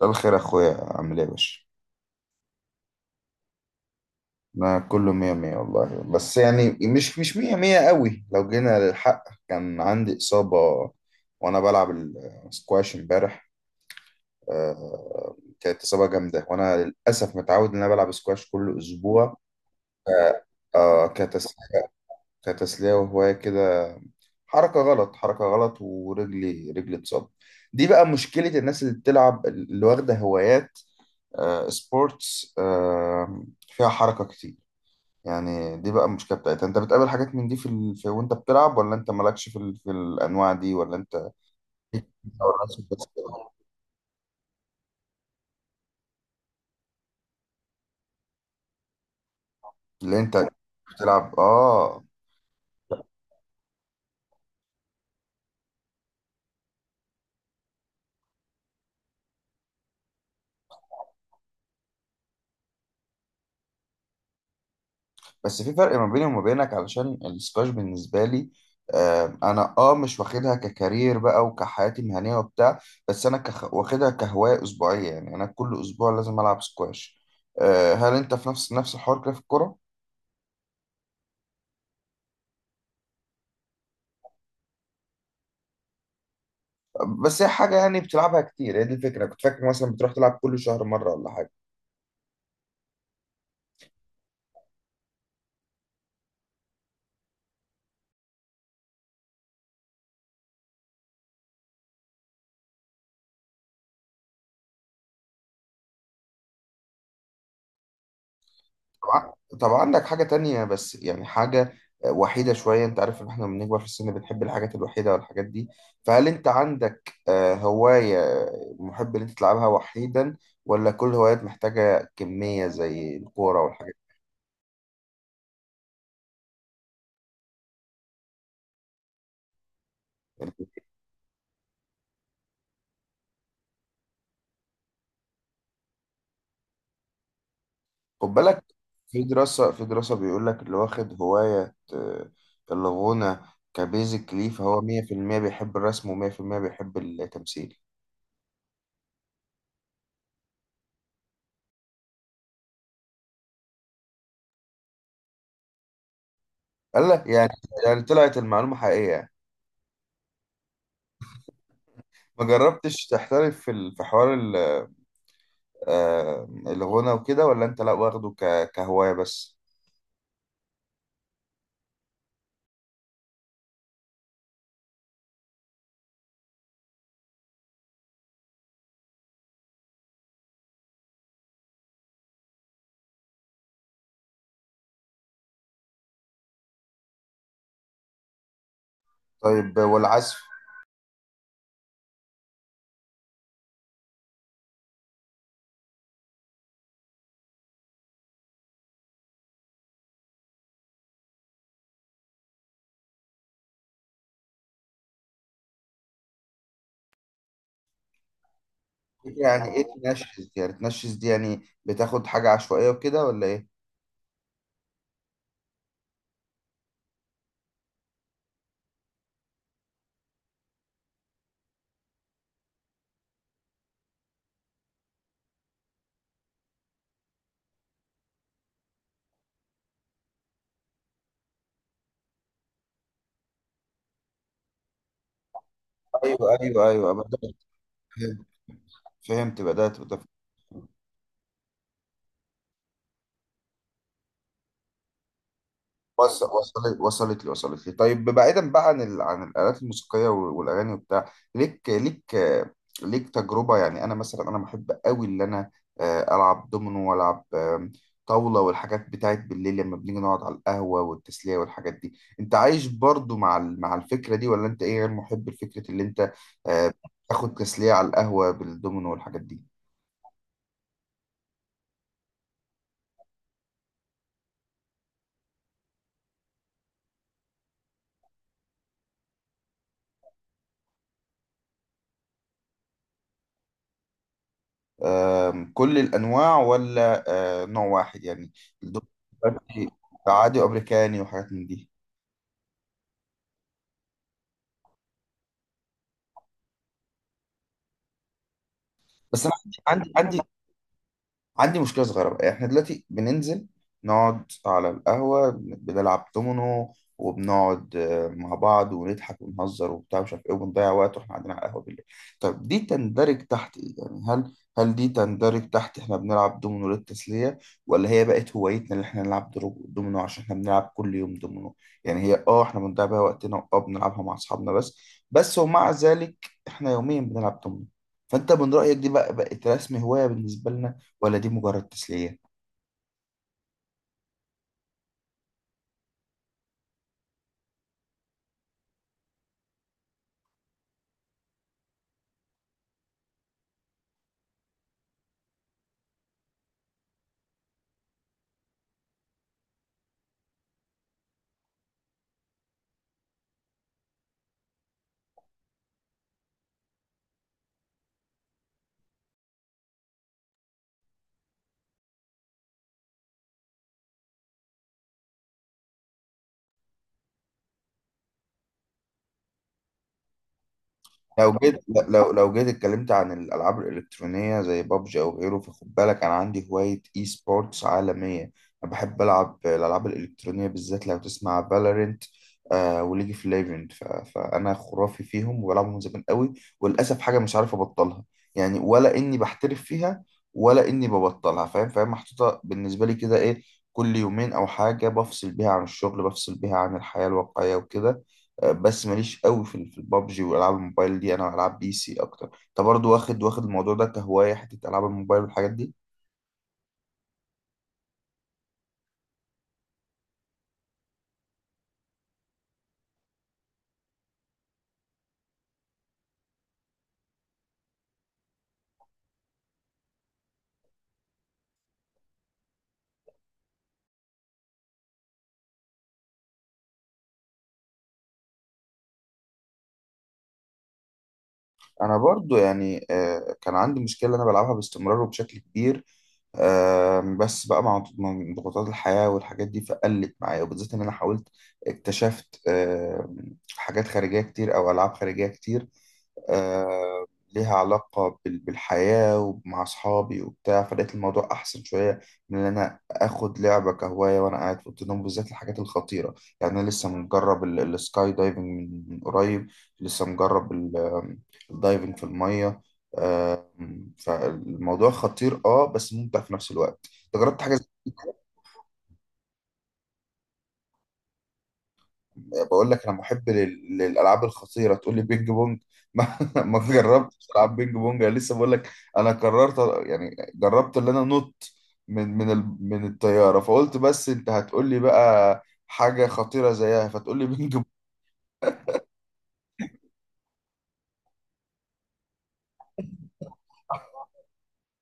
مساء الخير يا اخويا، عامل ايه يا باشا؟ انا كله مية مية والله، بس يعني مش مية مية قوي. لو جينا للحق، كان عندي اصابة وانا بلعب السكواش امبارح. كانت اصابة جامدة، وانا للاسف متعود ان انا بلعب سكواش كل اسبوع. آه، كتسلية. وهواية كده. حركة غلط حركة غلط ورجلي اتصاب. دي بقى مشكلة الناس اللي بتلعب، اللي واخدة هوايات. سبورتس. فيها حركة كتير. يعني دي بقى المشكله بتاعتها. انت بتقابل حاجات من دي في وانت بتلعب، ولا انت مالكش في الانواع دي، ولا انت أو الناس بس؟ اللي انت بتلعب؟ اه. بس في فرق ما بيني وما بينك علشان السكواش بالنسبه لي. انا اه مش واخدها ككارير بقى وكحياتي المهنيه وبتاع. بس انا واخدها كهوايه اسبوعيه، يعني انا كل اسبوع لازم العب سكواش. هل انت في نفس الحوار كده في الكوره؟ بس هي حاجه يعني بتلعبها كتير، هي دي الفكره. كنت فاكر مثلا بتروح تلعب كل شهر مره ولا حاجه؟ طبعا. طب عندك حاجة تانية؟ بس يعني حاجة وحيدة شوية. انت عارف ان احنا لما بنكبر في السن بنحب الحاجات الوحيدة والحاجات دي. فهل انت عندك هواية محب ان انت تلعبها وحيدا، ولا كل هوايات محتاجة كمية زي الكورة والحاجات دي؟ يعني. خد بالك، في دراسة بيقول لك اللي واخد هواية الغنى كبيزك ليه، فهو 100% بيحب الرسم و100% بيحب التمثيل. قال لك يعني. يعني طلعت المعلومة حقيقية. ما جربتش تحترف في حوار الغنى وكده؟ ولا انت لا، واخده كهواية بس؟ طيب، والعزف؟ يعني ايه تنشز؟ يعني تنشز دي يعني بتاخد حاجة عشوائية وكده ولا ايه؟ ايوه ايوه ايوه، بدأت. فهمت. فهمت، بدأت. وصلت لي. طيب، بعيدا بقى عن الآلات الموسيقية والأغاني وبتاع. ليك تجربة؟ يعني أنا مثلا، أنا بحب قوي إن أنا ألعب دومينو، وألعب طاولة، والحاجات بتاعت بالليل لما بنيجي نقعد على القهوة، والتسلية والحاجات دي. أنت عايش برضو مع مع الفكرة دي، ولا أنت إيه، غير محب لفكرة اللي أنت آه، تاخد تسلية على القهوة بالدومينو والحاجات دي؟ كل الأنواع، ولا نوع واحد يعني، الدكتور عادي وأمريكاني وحاجات من دي؟ بس أنا عندي مشكلة صغيرة بقى. احنا دلوقتي بننزل نقعد على القهوة بنلعب دومينو، وبنقعد مع بعض ونضحك ونهزر وبتاع، مش عارف ايه، وبنضيع وقت واحنا قاعدين على القهوة بالليل. طب دي تندرج تحت ايه يعني؟ هل دي تندرج تحت احنا بنلعب دومينو للتسلية، ولا هي بقت هوايتنا اللي احنا نلعب دومينو عشان احنا بنلعب كل يوم دومينو؟ يعني هي، اه، احنا بنضيع بيها وقتنا، اه، بنلعبها مع اصحابنا بس. بس، ومع ذلك، احنا يوميا بنلعب دومينو. فانت من رأيك دي بقى بقت رسم هواية بالنسبة لنا، ولا دي مجرد تسلية؟ لو جيت، اتكلمت عن الألعاب الإلكترونية زي بابجي أو غيره، فخد بالك أنا عندي هواية إي سبورتس عالمية. أنا بحب ألعب الألعاب الإلكترونية، بالذات لو تسمع فالورنت وليج اوف ليجند. فأنا خرافي فيهم وبلعبهم من زمان قوي. وللأسف حاجة مش عارف أبطلها، يعني ولا إني بحترف فيها ولا إني ببطلها، فاهم؟ فاهم، محطوطة بالنسبة لي كده. إيه، كل يومين أو حاجة بفصل بيها عن الشغل، بفصل بيها عن الحياة الواقعية وكده. بس ماليش قوي في البابجي والعاب الموبايل دي. انا العاب بي سي اكتر. انت برضو واخد الموضوع ده كهوايه، حته العاب الموبايل والحاجات دي؟ انا برضو يعني كان عندي مشكله، انا بلعبها باستمرار وبشكل كبير. بس بقى مع ضغوطات الحياه والحاجات دي، فقلت معايا، وبالذات ان انا حاولت. اكتشفت حاجات خارجيه كتير او العاب خارجيه كتير آه، ليها علاقه بالحياه ومع اصحابي وبتاع، فلقيت الموضوع احسن شويه من ان انا اخد لعبه كهوايه وانا قاعد في اوضه النوم. بالذات الحاجات الخطيره، يعني انا لسه مجرب السكاي دايفنج من قريب. لسه مجرب الدايفنج في المية. آه، فالموضوع خطير، اه، بس ممتع في نفس الوقت. انت جربت حاجة زي كده؟ يعني بقول لك انا محب للالعاب الخطيرة، تقول لي بينج بونج؟ ما جربتش العاب بينج بونج. انا لسه بقول لك انا قررت يعني جربت ان انا نط من الطيارة، فقلت بس انت هتقول لي بقى حاجة خطيرة زيها، فتقول لي بينج بونج؟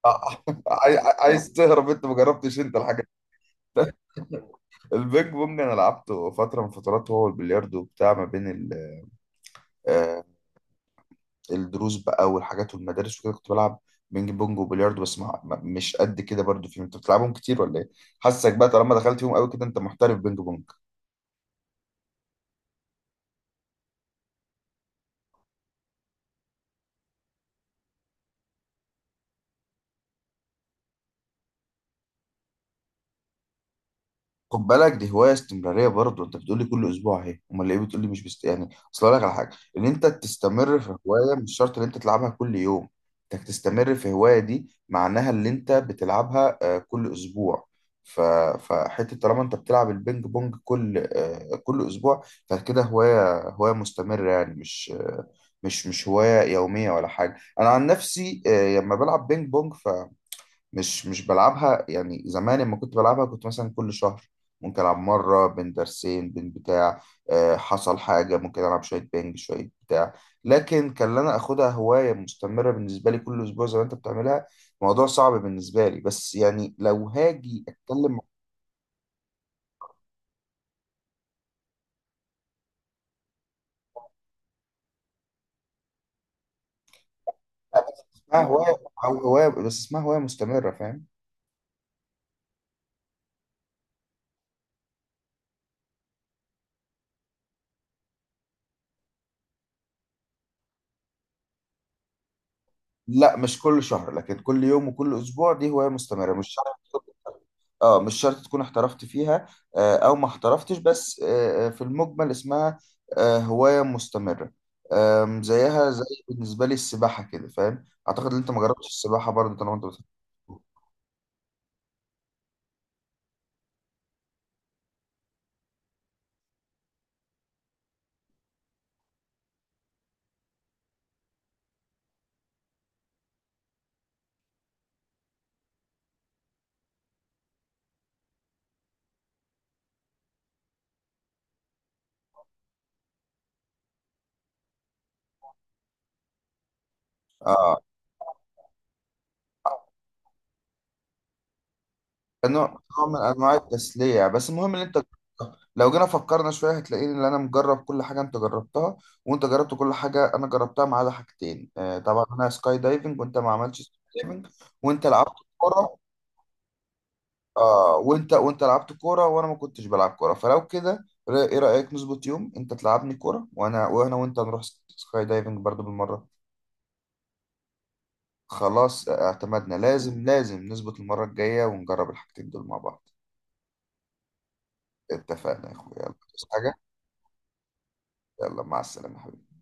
عايز تهرب؟ انت ما جربتش انت الحاجة. البينج بونج انا لعبته فترة من فترات. هو البلياردو بتاع ما بين ال آه، الدروس بقى والحاجات والمدارس وكده، كنت بلعب بينج بونج وبلياردو. بس مش قد كده برضو فيهم. انت بتلعبهم كتير ولا ايه؟ حاسك بقى طالما دخلت فيهم قوي كده، انت محترف بينج بونج. خد بالك، دي هوايه استمراريه برضه، انت بتقول لي كل اسبوع اهي. امال ليه بتقول لي مش يعني، اصل اقول لك على حاجه، ان انت تستمر في هوايه مش شرط ان انت تلعبها كل يوم. انك تستمر في هوايه دي معناها ان انت بتلعبها كل اسبوع. ف... فحته طالما انت بتلعب البينج بونج كل كل اسبوع، فكده هوايه، هوايه مستمره، يعني مش آه، مش مش هوايه يوميه ولا حاجه. انا عن نفسي لما بلعب بينج بونج مش بلعبها، يعني زمان لما كنت بلعبها كنت مثلا كل شهر ممكن ألعب مرة بين درسين بين بتاع. حصل حاجة ممكن ألعب شوية بينج شوية بتاع. لكن كان أنا أخدها هواية مستمرة بالنسبة لي كل أسبوع، زي ما أنت بتعملها. موضوع صعب بالنسبة لي، بس يعني لو هاجي أتكلم مع حد. اسمها هواية أو هواية، بس اسمها هواية مستمرة، فاهم؟ لا، مش كل شهر، لكن كل يوم وكل أسبوع دي هواية مستمرة، مش شرط. اه، مش شرط تكون احترفت فيها او ما احترفتش، بس في المجمل اسمها هواية مستمرة. زيها زي بالنسبة لي السباحة كده، فاهم؟ اعتقد ان انت ما جربتش السباحة برضه طالما انت بتحب. اه، نوع، نوع من انواع التسلية، بس المهم ان انت جربتها. لو جينا فكرنا شوية هتلاقيني ان انا مجرب كل حاجة انت جربتها، وانت جربت كل حاجة انا جربتها ما عدا حاجتين. طبعا انا سكاي دايفنج وانت ما عملتش سكاي دايفنج. وانت لعبت كورة، اه وانت، لعبت كوره وانا ما كنتش بلعب كوره. فلو كده ايه رايك نظبط يوم انت تلعبني كوره، وانا وانا وانت نروح سكاي دايفنج برضو بالمره؟ خلاص اعتمدنا. لازم نظبط المره الجايه ونجرب الحاجتين دول مع بعض. اتفقنا يا اخويا، يلا. بس حاجه، يلا، مع السلامه يا حبيبي.